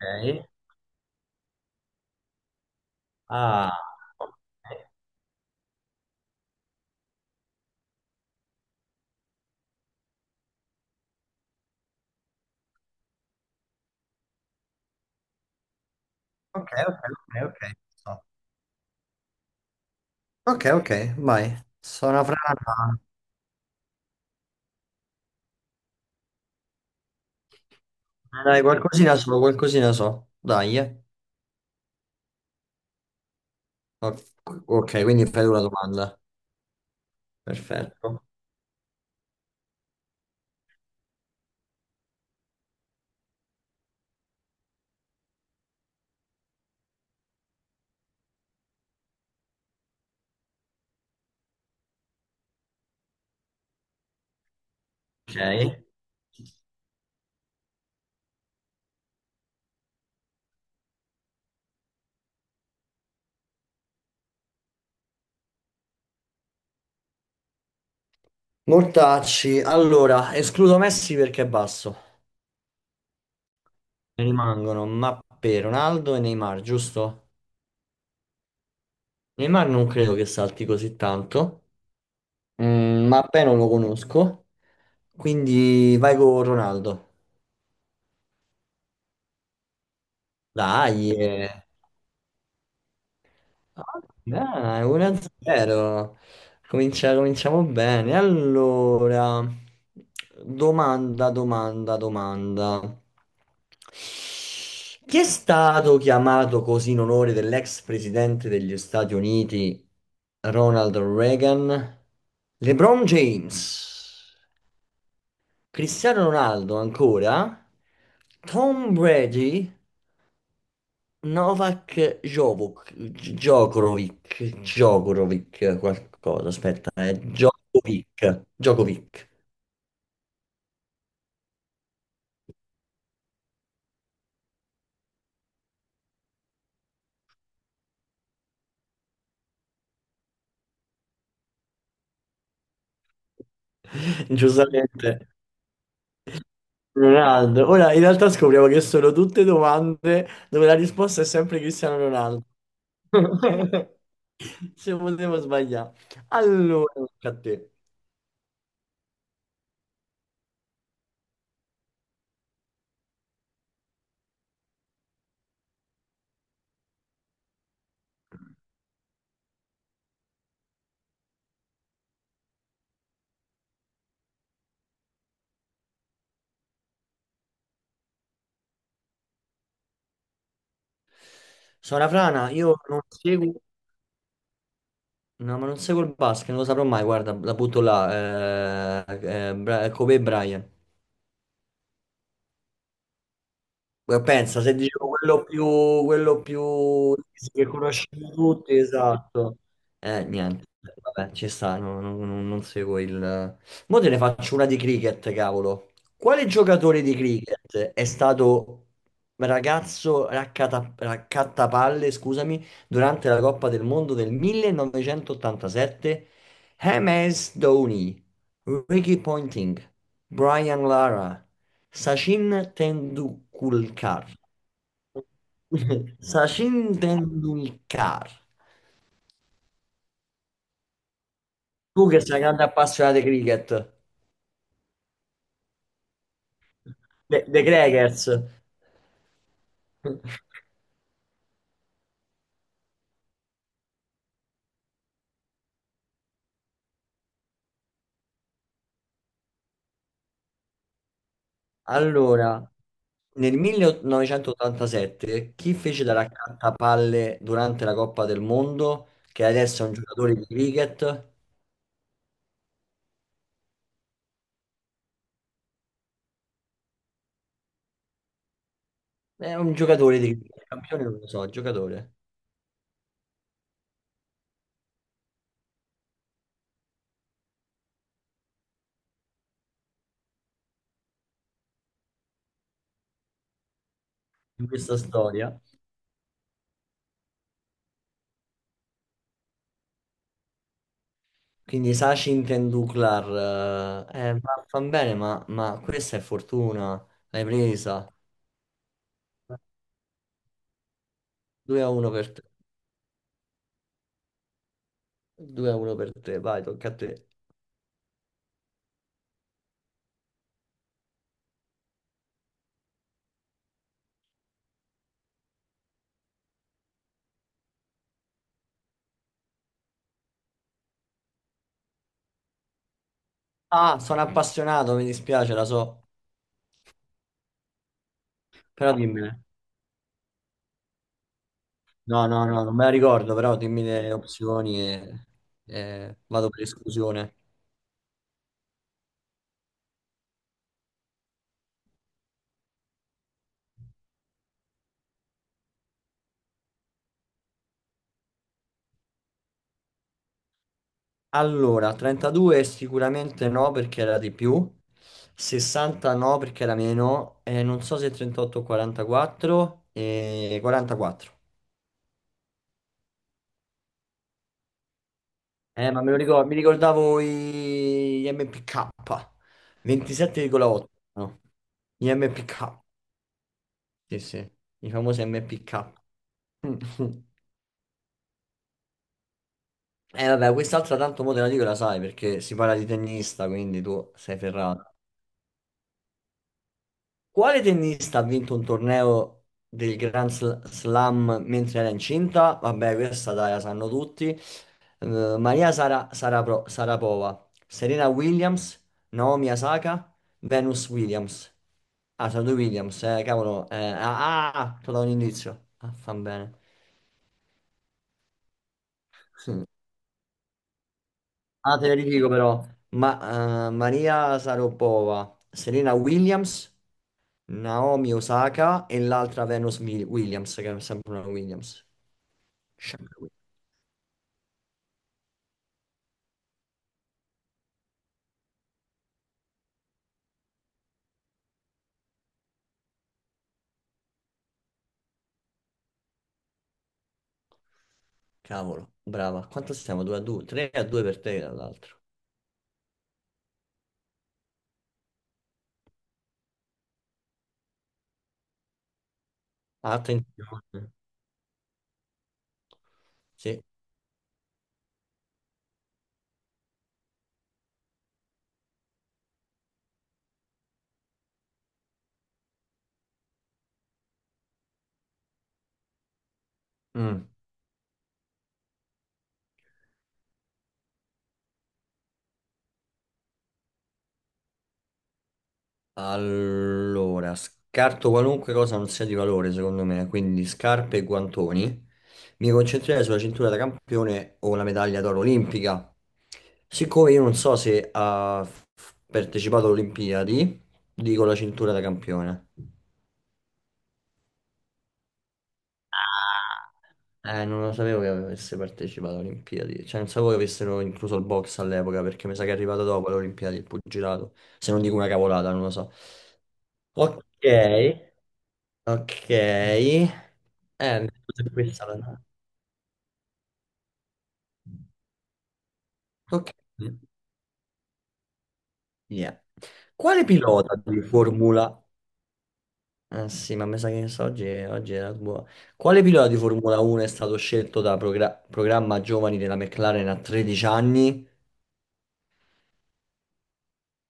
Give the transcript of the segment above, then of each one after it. Ok. Ah, ok, ok, ok, ok. So. Ok, ok, vai. Sono frana. Dai, qualcosina so, qualcosina so. Dai, eh. O- Ok, quindi fai tu la domanda. Perfetto. Ok. Mortacci. Allora, escludo Messi perché è basso. Ne rimangono Mbappé, Ronaldo e Neymar, giusto? Neymar non credo che salti così tanto. Mm, Mbappé non lo conosco. Quindi vai con Ronaldo. Dai, eh. Ok, dai, 1-0. Cominciamo bene. Allora, domanda, domanda, domanda. Chi è stato chiamato così in onore dell'ex presidente degli Stati Uniti, Ronald Reagan? LeBron James, Cristiano Ronaldo ancora, Tom Brady, Novak Jovic, Djokovic, Djokovic, qualcosa, aspetta, è Djokovic, Djokovic, giustamente, Ronaldo. Ora, in realtà scopriamo che sono tutte domande dove la risposta è sempre Cristiano Ronaldo. Se potevo sbagliare. Allora, tocca a te. Sono frana, io non seguo, no, ma non seguo il basket, non lo saprò mai, guarda, la butto là, Kobe Bryant. Pensa, se dicevo quello più che conosciamo tutti, esatto. Niente, vabbè, ci sta, non seguo il... Mo te ne faccio una di cricket, cavolo. Quale giocatore di cricket è stato ragazzo raccattapalle, scusami, durante la Coppa del Mondo del 1987? James Dhoni, Ricky Ponting, Brian Lara. Sachin Tendulkar. Sachin Tendulkar. Tu che sei grande appassionato di cricket, dei Crackers. Allora, nel 1987, chi fece da raccattapalle durante la Coppa del Mondo, che adesso è un giocatore di cricket? È un giocatore di cricket, campione non lo so, giocatore in questa storia. Quindi Sachin Tendulkar, ma fa bene, ma questa è fortuna, l'hai presa. 2-1 per te, 2-1 per te, vai, tocca a te. Ah, sono appassionato, mi dispiace, la so, però dimmene. No, no, no, non me la ricordo, però dimmi le opzioni e vado per esclusione. Allora, 32 sicuramente no perché era di più, 60 no perché era meno, non so se 38 o 44, e 44. Ma me lo ricordo, mi ricordavo gli MPK, 27,8, no? Gli MPK, sì, sì, i famosi MPK. E vabbè, quest'altra tanto mo te la dico e la sai perché si parla di tennista, quindi tu sei ferrato. Quale tennista ha vinto un torneo del Slam mentre era incinta? Vabbè, questa dai, la sanno tutti. Maria Sarapova, Serena Williams, Naomi Osaka, Venus Williams. Ah, sono due Williams, cavolo. Eh, ah, ah, ah, ti ho dato un indizio. Ah, fan bene. Sì. Ah, te le ridico però. Ma, Maria Sarapova, Serena Williams, Naomi Osaka e l'altra Venus Williams, che è sempre una Williams. Sciacca qui. Cavolo, brava. Quanto stiamo? 2-2? 3-2 per te, tra l'altro. Ah, attenzione. Sì. Mm. Allora, scarto qualunque cosa non sia di valore, secondo me, quindi scarpe e guantoni. Mi concentrerei sulla cintura da campione o la medaglia d'oro olimpica. Siccome io non so se ha partecipato alle Olimpiadi, dico la cintura da campione. Non lo sapevo che avesse partecipato alle Olimpiadi, cioè non sapevo che avessero incluso il box all'epoca, perché mi sa che è arrivato dopo alle Olimpiadi il pugilato, se non dico una cavolata, non lo so. Ok, ok. Scusa, questa la... Ok. Yeah. Quale pilota di Formula... Ah sì, ma mi sa che so, oggi, oggi era buona. Quale pilota di Formula 1 è stato scelto da programma giovani della McLaren a 13 anni?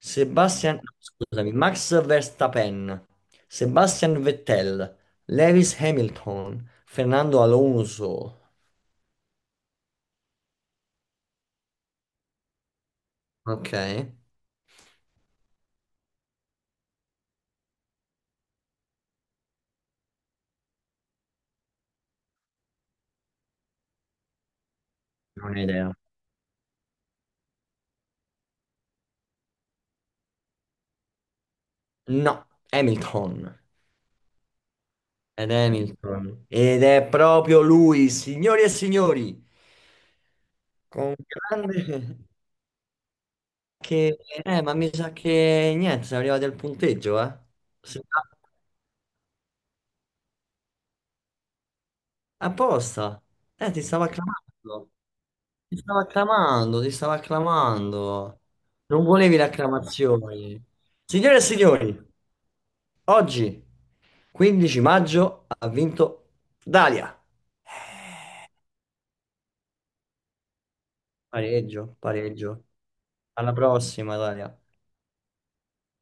Sebastian, no, scusami, Max Verstappen, Sebastian Vettel, Lewis Hamilton, Fernando Alonso. Ok, non ho idea. No, Hamilton. Ed Hamilton. Ed è proprio lui, signori e signori, con grande... Che... ma mi sa che niente, siamo arrivati al punteggio, eh? Sì. Apposta. Ti stavo acclamando. Ti stavo acclamando, ti stavo acclamando. Non volevi le acclamazioni. Signore e signori, oggi, 15 maggio, ha vinto Dalia. Eh, Pareggio, pareggio. Alla prossima, Dalia.